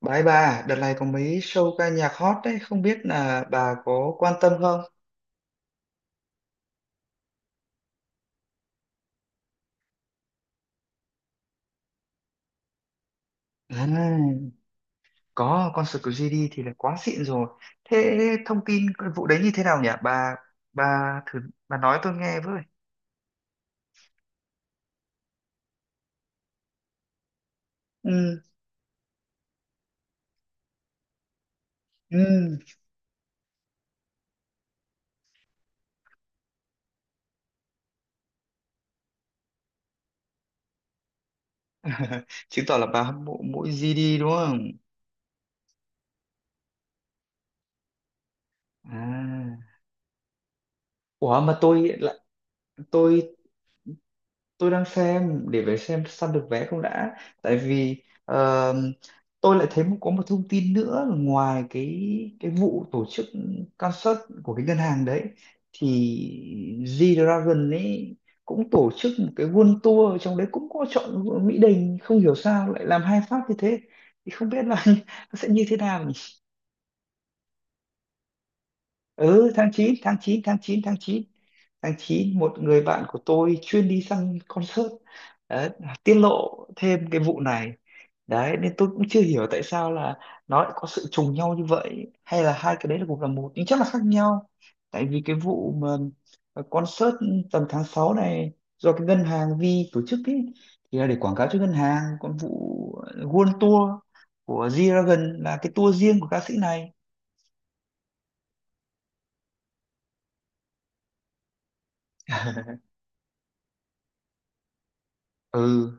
Bái bà, đợt này có mấy show ca nhạc hot đấy, không biết là bà có quan tâm không? À, có, concert của GD thì là quá xịn rồi. Thế thông tin cái vụ đấy như thế nào nhỉ? Bà thử bà nói tôi nghe với. Ừ, ừ. Chứng tỏ là bà hâm mộ mỗi GD đúng không? À. Ủa mà tôi lại tôi tôi đang xem để phải xem săn được vé không đã, tại vì tôi lại thấy có một thông tin nữa là ngoài cái vụ tổ chức concert của cái ngân hàng đấy, thì G-Dragon ấy cũng tổ chức một cái world tour, trong đấy cũng có chọn Mỹ Đình, không hiểu sao lại làm hai phát như thế, thì không biết là nó sẽ như thế nào. Ừ, tháng 9 một người bạn của tôi chuyên đi sang concert đấy, tiết lộ thêm cái vụ này đấy, nên tôi cũng chưa hiểu tại sao là nó lại có sự trùng nhau như vậy, hay là hai cái đấy là cùng là một nhưng chắc là khác nhau. Tại vì cái vụ mà concert tầm tháng 6 này do cái ngân hàng Vi tổ chức ấy thì là để quảng cáo cho ngân hàng, còn vụ World Tour của G-Dragon là cái tour riêng của ca sĩ này. Ừ.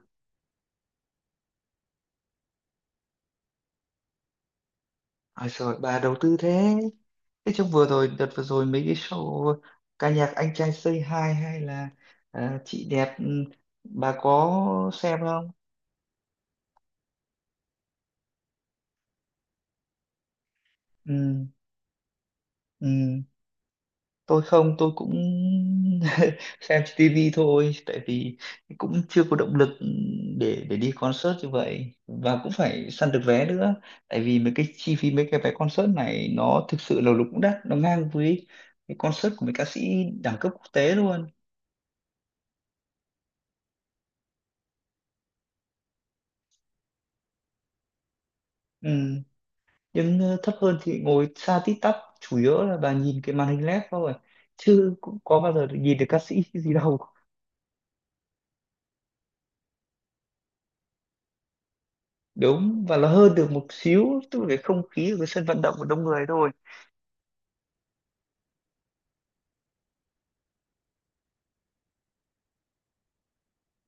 Ôi rồi bà đầu tư thế. Thế trong vừa rồi, đợt vừa rồi mấy cái show ca nhạc anh trai Say Hi, hay là à, chị đẹp, ừ, bà có xem không? Ừ, ừ. Tôi không, tôi cũng xem trên TV thôi, tại vì cũng chưa có động lực, để đi concert như vậy và cũng phải săn được vé nữa. Tại vì mấy cái chi phí, mấy cái vé concert này nó thực sự là lúc cũng đắt, nó ngang với cái concert của mấy ca sĩ đẳng cấp quốc tế luôn. Ừ, nhưng thấp hơn thì ngồi xa tít tắp, chủ yếu là bà nhìn cái màn hình led thôi, chứ cũng có bao giờ được nhìn được ca sĩ gì đâu. Đúng, và nó hơn được một xíu tức là cái không khí của cái sân vận động, của đông người thôi.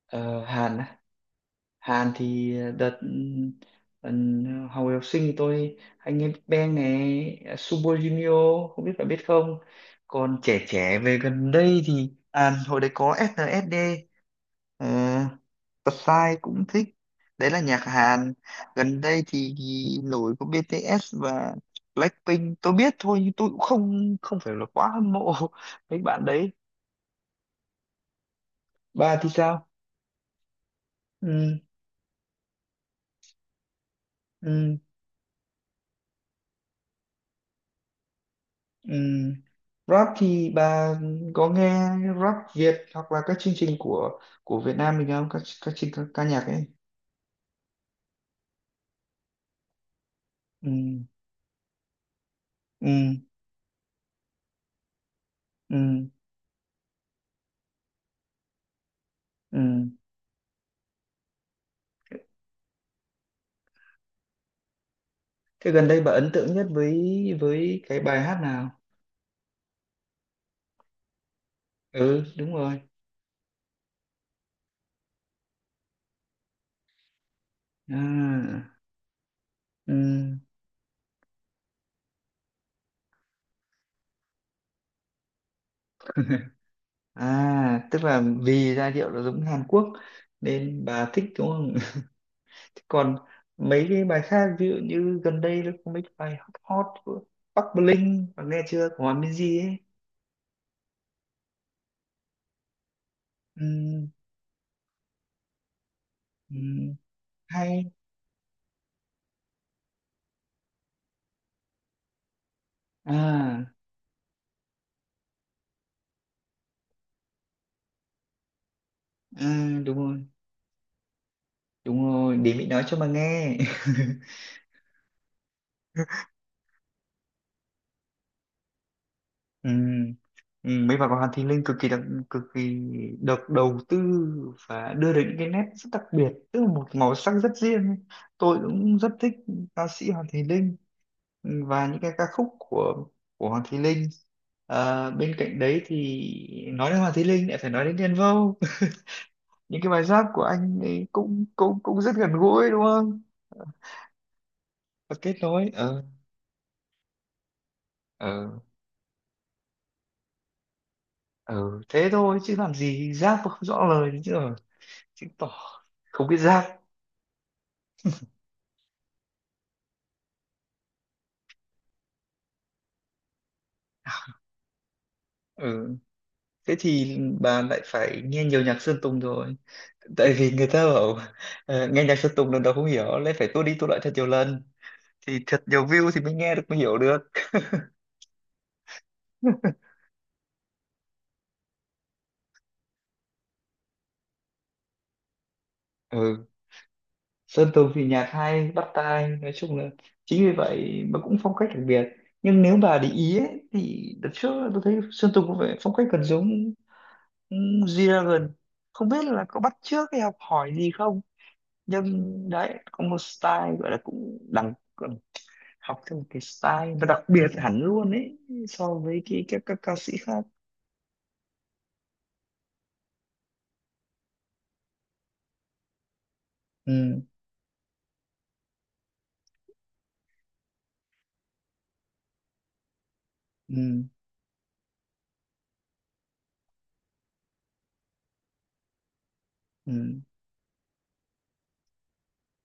Ờ, Hàn á. Hàn thì đợt học học sinh thì tôi anh em Big Bang này, Super Junior, không biết bạn biết không, còn trẻ trẻ về gần đây thì à, hồi đấy có SNSD, Psy cũng thích, đấy là nhạc Hàn. Gần đây thì nổi có BTS và Blackpink tôi biết thôi, nhưng tôi cũng không không phải là quá hâm mộ mấy bạn đấy. Bà thì sao? Ừ, ừ, ừ. Rap thì bà có nghe rap Việt hoặc là các chương trình của Việt Nam mình không, các các chương ca, ca nhạc ấy? Ừ, ừ, ừ, ừ. Thế gần đây bà ấn tượng nhất với cái bài hát nào? Ừ đúng rồi. À. Ừm. À, tức là vì giai điệu nó giống Hàn Quốc nên bà thích đúng không? Thế còn mấy cái bài khác, ví dụ như gần đây nó có mấy cái bài hot hot của Bắc Bling, bà nghe chưa, của Hòa Minzy ấy. Ừm, ừm, hay. À, à, đúng rồi, để mình nói cho bà nghe. Ừ. Ừ, mấy bà con Hàn Thi Linh cực kỳ đặc, cực kỳ được đầu tư và đưa đến những cái nét rất đặc biệt, tức là một màu sắc rất riêng ấy. Tôi cũng rất thích ca sĩ Hoàng Thùy Linh, ừ, và những cái ca khúc của Hoàng Thùy Linh. Ờ, bên cạnh đấy thì nói đến Hoàng Thùy Linh lại phải nói đến Đen Vâu. Những cái bài rap của anh ấy cũng cũng cũng rất gần gũi đúng không, và kết nối. Ờ, ờ, ờ, thế thôi chứ làm gì rap mà không rõ lời nữa chứ, rồi chứng tỏ không biết rap. Ừ. Thế thì bà lại phải nghe nhiều nhạc Sơn Tùng rồi. Tại vì người ta bảo nghe nhạc Sơn Tùng lần đầu không hiểu, lấy phải tua đi tua lại thật nhiều lần, thì thật nhiều view thì mới nghe được, mới hiểu được. Ừ. Sơn Tùng thì nhạc hay, bắt tai. Nói chung là chính vì vậy mà cũng phong cách đặc biệt. Nhưng nếu bà để ý ấy, thì đợt trước tôi thấy Sơn Tùng có vẻ phong cách gần giống, ừ, G-Dragon. Không biết là có bắt chước hay học hỏi gì không, nhưng đấy, có một style gọi là cũng đẳng, học theo một cái style và đặc biệt hẳn luôn ấy so với cái các ca sĩ khác. Ừ, ừ, ừ.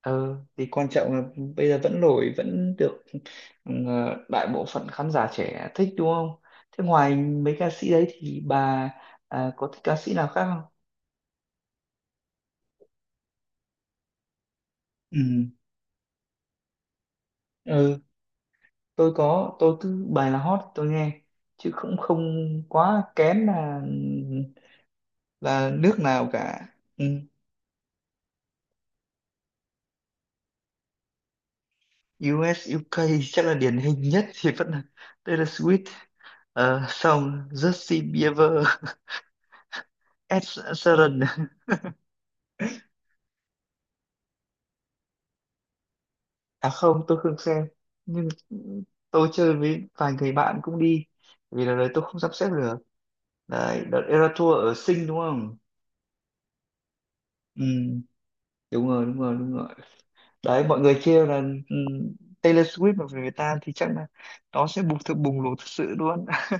Ờ thì quan trọng là bây giờ vẫn nổi vẫn được, ừ, đại bộ phận khán giả trẻ thích đúng không? Thế ngoài mấy ca sĩ đấy thì bà à, có thích ca sĩ nào khác không? Ừ, ừ, tôi có, tôi cứ bài là hot tôi nghe, chứ cũng không quá kén là nước nào cả. Ừ. U.S. u UK chắc là điển hình nhất thì vẫn là Taylor Swift. Ờ, xong Justin Bieber, Ed Sheeran. À không, tôi không xem, nhưng tôi chơi với vài người bạn cũng đi, vì là đấy tôi không sắp xếp được. Đấy đợt Era Tour ở Sing đúng không? Ừ, đúng rồi đúng rồi đúng rồi. Đấy mọi người kêu là, ừ, Taylor Swift mà về Việt Nam thì chắc là nó sẽ bùng, thực bùng nổ thực sự luôn.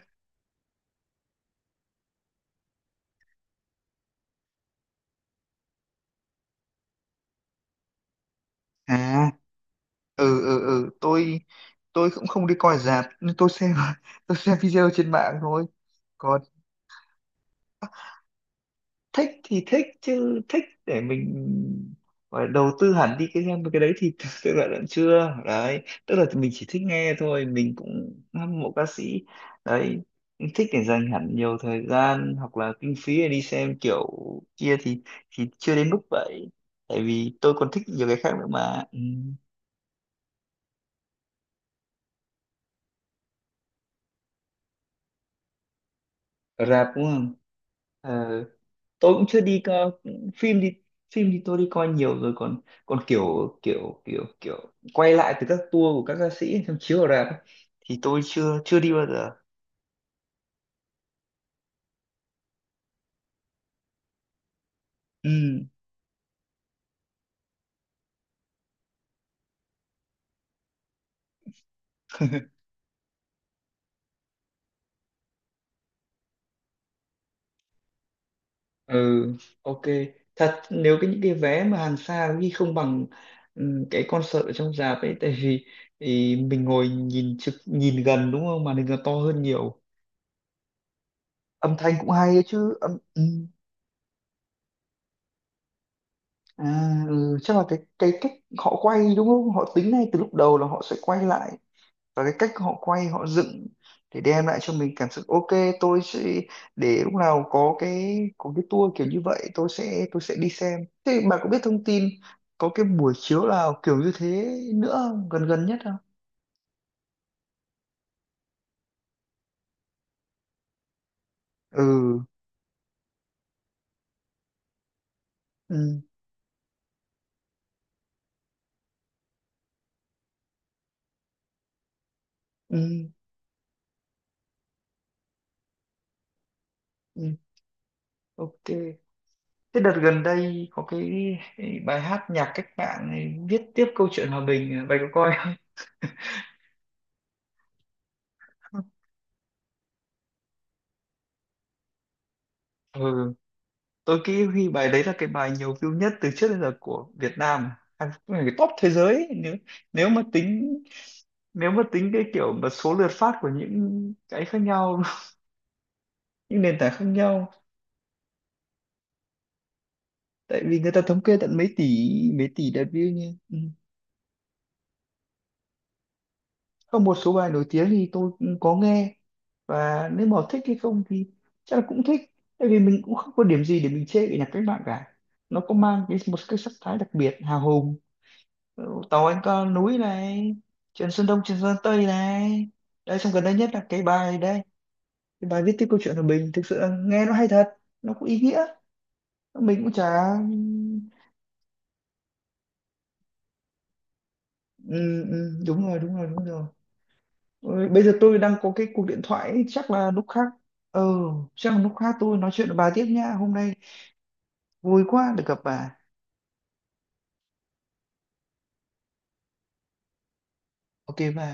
À, ừ, ừ, ừ, tôi cũng không đi coi rạp nhưng tôi xem, tôi xem video trên mạng thôi. Còn thích thì thích, chứ thích để mình gọi là đầu tư hẳn đi cái game cái đấy thì tôi lại vẫn chưa. Đấy tức là mình chỉ thích nghe thôi, mình cũng hâm mộ ca sĩ đấy, thích để dành hẳn nhiều thời gian hoặc là kinh phí để đi xem kiểu kia thì chưa đến mức vậy. Tại vì tôi còn thích nhiều cái khác nữa mà, ừ. Rạp đúng không, tôi cũng chưa đi coi phim đi, phim thì tôi đi coi nhiều rồi, còn còn kiểu kiểu kiểu kiểu quay lại từ các tour của các ca sĩ trong chiếu ở rạp ấy, thì tôi chưa chưa đi bao giờ. Ừ. Ừ, ok. Thật nếu cái những cái vé mà hàng xa có khi không bằng, ừ, cái concert ở trong rạp ấy, tại vì thì mình ngồi nhìn trực, nhìn gần đúng không, màn hình nó to hơn nhiều, âm thanh cũng hay ấy chứ âm, ừ. À, ừ, chắc là cái cách họ quay đúng không? Họ tính ngay từ lúc đầu là họ sẽ quay lại, và cái cách họ quay họ dựng để đem lại cho mình cảm xúc. Ok, tôi sẽ, để lúc nào có có cái tour kiểu như vậy tôi sẽ đi xem. Thế bà có biết thông tin có cái buổi chiếu nào kiểu như thế nữa không? Gần gần nhất không? Ừ, ừ, ừ, ừ, ok. Thế đợt gần đây có cái bài hát nhạc cách mạng này, viết tiếp câu chuyện hòa bình, bà có coi không? Ừ. Tôi nghĩ huy bài đấy là cái bài nhiều view nhất từ trước đến giờ của Việt Nam, à, cái top thế giới ấy. Nếu, nếu mà tính nếu mà tính cái kiểu mà số lượt phát của những cái khác nhau, những nền tảng khác nhau, tại vì người ta thống kê tận mấy tỷ, mấy tỷ lượt view nha. Ừ. Có một số bài nổi tiếng thì tôi cũng có nghe, và nếu mà thích hay không thì chắc là cũng thích, tại vì mình cũng không có điểm gì để mình chê cái nhạc cách mạng cả. Nó có mang cái một cái sắc thái đặc biệt, hào hùng. Tàu anh có núi này, chuyện Sơn Đông chuyện Sơn Tây này đây, xong gần đây nhất là cái bài đây, cái bài viết tiếp câu chuyện của mình thực sự là nghe nó hay thật, nó cũng ý nghĩa, mình cũng chả. Ừ, ừ, đúng rồi đúng rồi đúng rồi. Ôi, bây giờ tôi đang có cái cuộc điện thoại ấy, chắc là lúc khác. Ừ, chắc là lúc khác tôi nói chuyện với bà tiếp nhá, hôm nay vui quá được gặp bà. Ok bà.